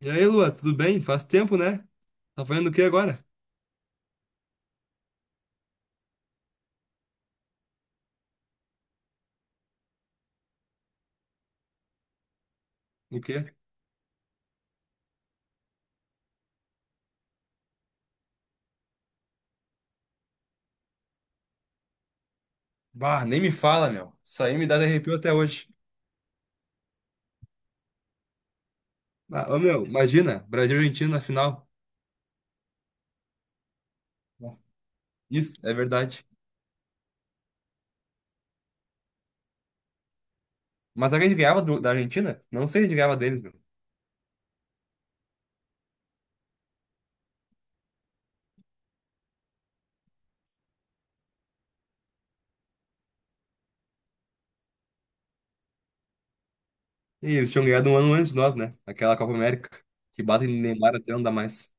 E aí, Lua, tudo bem? Faz tempo, né? Tá fazendo o que agora? O quê? Bah, nem me fala, meu. Isso aí me dá arrepio até hoje. Ah, ô, meu, imagina, Brasil e Argentina na final. Nossa. Isso, é verdade. Mas será que a gente ganhava da Argentina? Não sei se a gente ganhava deles, meu. E eles tinham ganhado um ano antes de nós, né? Aquela Copa América, que batem em Neymar até não dá mais.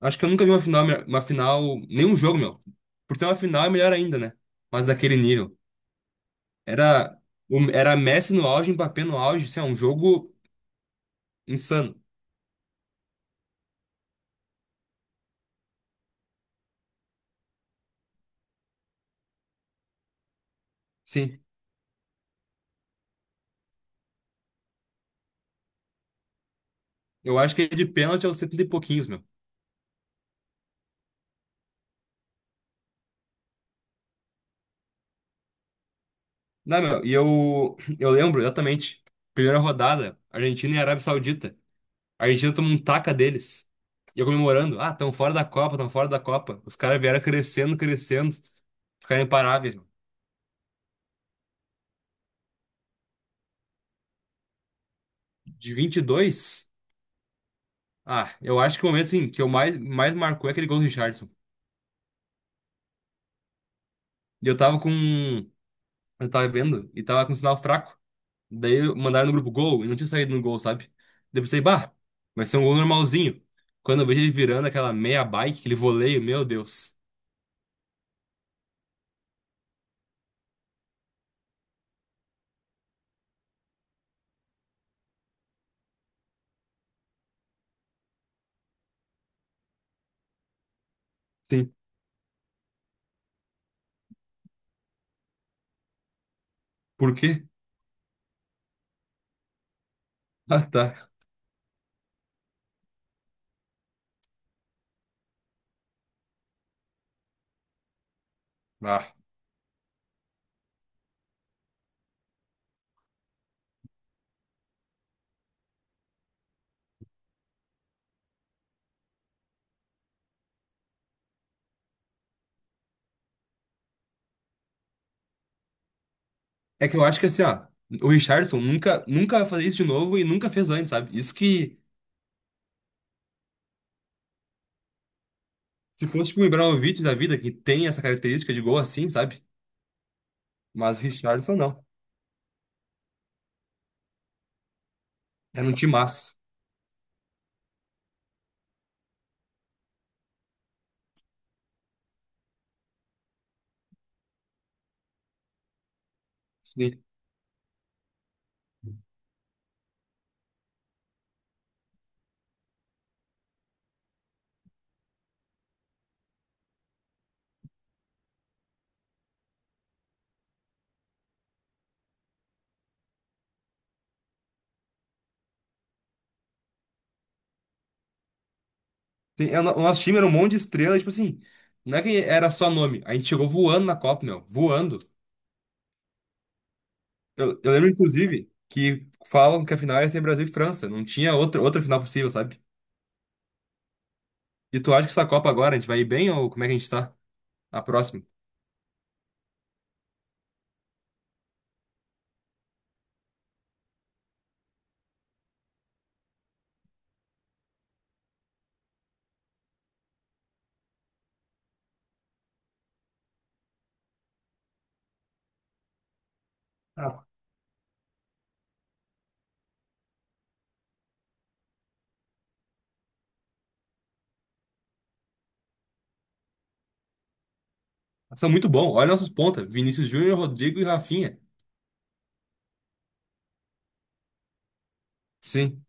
Acho que eu nunca vi uma final, uma final, nenhum jogo, meu. Por ter uma final é melhor ainda, né? Mas daquele nível. Era, era Messi no auge, Mbappé no auge, assim, é um jogo insano. Sim. Eu acho que de pênalti é os 70 e pouquinhos, meu. Não, meu, e eu lembro exatamente. Primeira rodada, Argentina e Arábia Saudita. A Argentina tomou um taca deles. E eu comemorando. Ah, estão fora da Copa, estão fora da Copa. Os caras vieram crescendo, crescendo. Ficaram imparáveis, meu. De 22, ah, eu acho que o momento, assim, que eu mais marcou é aquele gol do Richardson. E eu tava com... Eu tava vendo e tava com um sinal fraco. Daí mandaram no grupo gol e não tinha saído no gol, sabe? Daí eu pensei, bah, vai ser um gol normalzinho. Quando eu vejo ele virando aquela meia bike, aquele voleio, meu Deus. Sim. Por quê? Ah, tá. Ah. É que eu acho que assim, ó, o Richarlison nunca, nunca vai fazer isso de novo e nunca fez antes, sabe? Isso que, se fosse tipo, o Ibrahimovic da vida, que tem essa característica de gol assim, sabe? Mas o Richardson não. Era um timaço. Sim. Sim, é, o no- o nosso time era um monte de estrela, tipo assim, não é que era só nome. A gente chegou voando na Copa, meu. Voando. Eu lembro, inclusive, que falam que a final ia ser Brasil e França. Não tinha outra final possível, sabe? E tu acha que essa Copa agora a gente vai ir bem ou como é que a gente tá? A próxima. Ah, são muito bom. Olha nossos pontas. Vinícius Júnior, Rodrigo e Rafinha. Sim,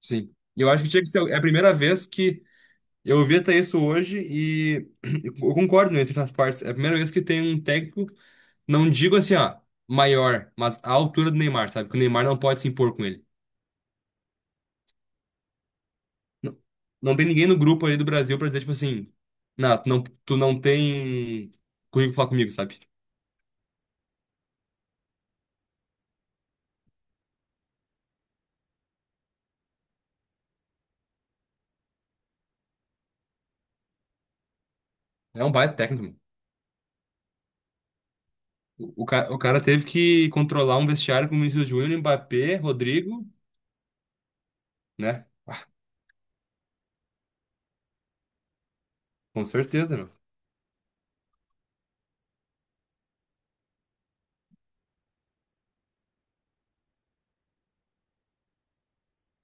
sim. E eu acho que tinha que ser. É a primeira vez que eu ouvi até isso hoje e eu concordo em certas partes. É a primeira vez que tem um técnico, não digo assim, ó, maior, mas à altura do Neymar, sabe? Que o Neymar não pode se impor com ele. Não, não tem ninguém no grupo ali do Brasil pra dizer, tipo assim, não, tu não tem currículo pra falar comigo, sabe? É um baita técnico, mano. O cara teve que controlar um vestiário com o Vinícius Júnior, Mbappé, Rodrigo, né? Com certeza, meu.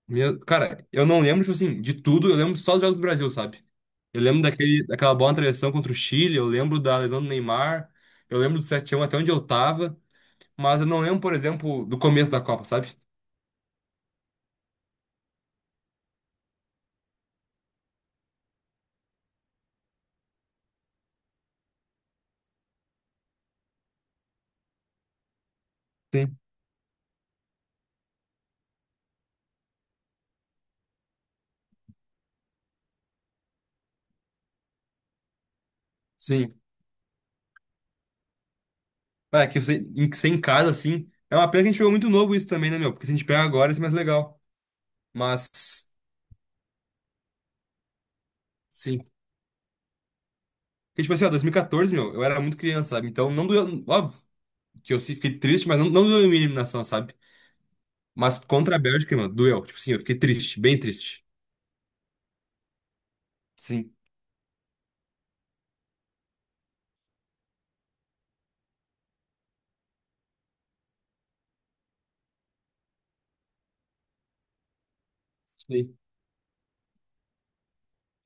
Cara, eu não lembro, tipo assim, de tudo, eu lembro só dos jogos do Brasil, sabe? Eu lembro daquela bola na travessão contra o Chile, eu lembro da lesão do Neymar, eu lembro do 7-1 até onde eu tava, mas eu não lembro, por exemplo, do começo da Copa, sabe? Sim. Sim, ah, que você, que ser em casa, assim. É uma pena que a gente pegou muito novo isso também, né, meu? Porque se a gente pega agora, isso é mais legal. Mas, sim. Porque, tipo assim, ó, 2014, meu, eu era muito criança, sabe? Então, não doeu. Óbvio que eu fiquei triste, mas não, não doeu a minha eliminação, sabe? Mas contra a Bélgica, meu, doeu. Tipo assim, eu fiquei triste, bem triste. Sim. Sim.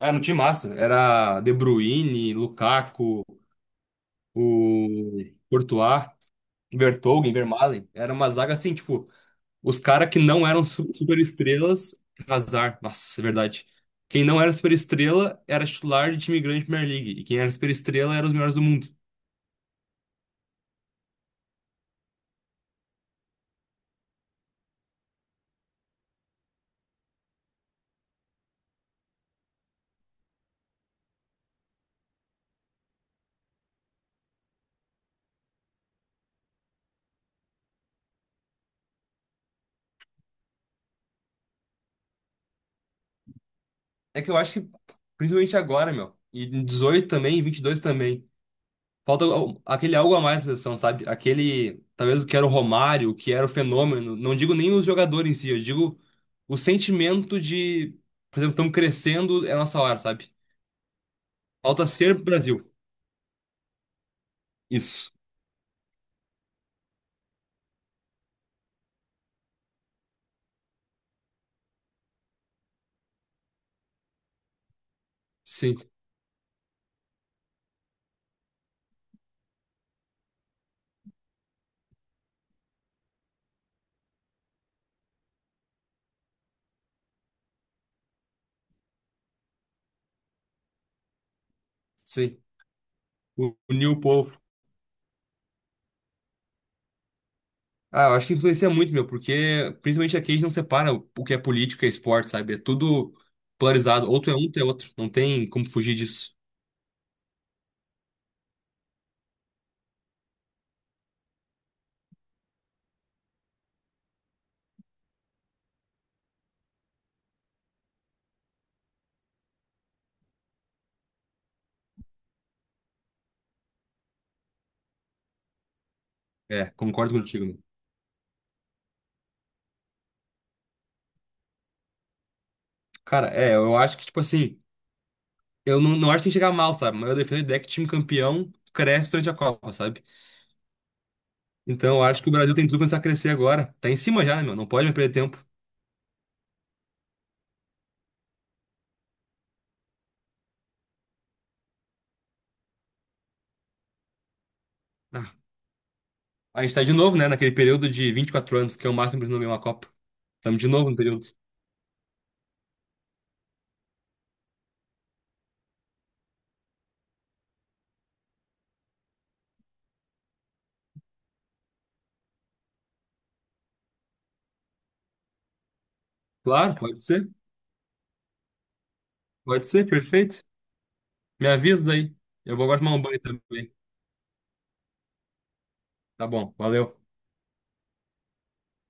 Era no time massa. Era De Bruyne, Lukaku, o Courtois, Vertonghen, Vermaelen. Era uma zaga assim, tipo. Os caras que não eram superestrelas, azar. Nossa, é verdade. Quem não era superestrela era titular de time grande de Premier League. E quem era superestrela era os melhores do mundo. É que eu acho que, principalmente agora, meu, e em 18 também, em 22 também, falta aquele algo a mais na seleção, sabe? Aquele, talvez o que era o Romário, o que era o fenômeno. Não digo nem os jogadores em si, eu digo o sentimento de, por exemplo, estamos crescendo, é nossa hora, sabe? Falta ser Brasil. Isso. Sim, sim. Unir o povo. Ah, eu acho que influencia muito, meu, porque principalmente aqui a gente não separa o que é política e esporte, sabe? É tudo polarizado. Ou tu é um, ou tu é outro. Não tem como fugir disso. É, concordo contigo, meu. Cara, é, eu acho que, tipo assim, eu não, não acho que tem que chegar mal, sabe? Mas eu defendo a ideia que time campeão cresce durante a Copa, sabe? Então eu acho que o Brasil tem tudo pra começar a crescer agora. Tá em cima já, né, meu? Não pode mais perder tempo. Ah, a gente tá de novo, né, naquele período de 24 anos, que é o máximo pra gente não ganhar uma Copa. Tamo de novo no período. Claro, pode ser. Pode ser, perfeito. Me avisa aí. Eu vou agora tomar um banho também. Tá bom, valeu.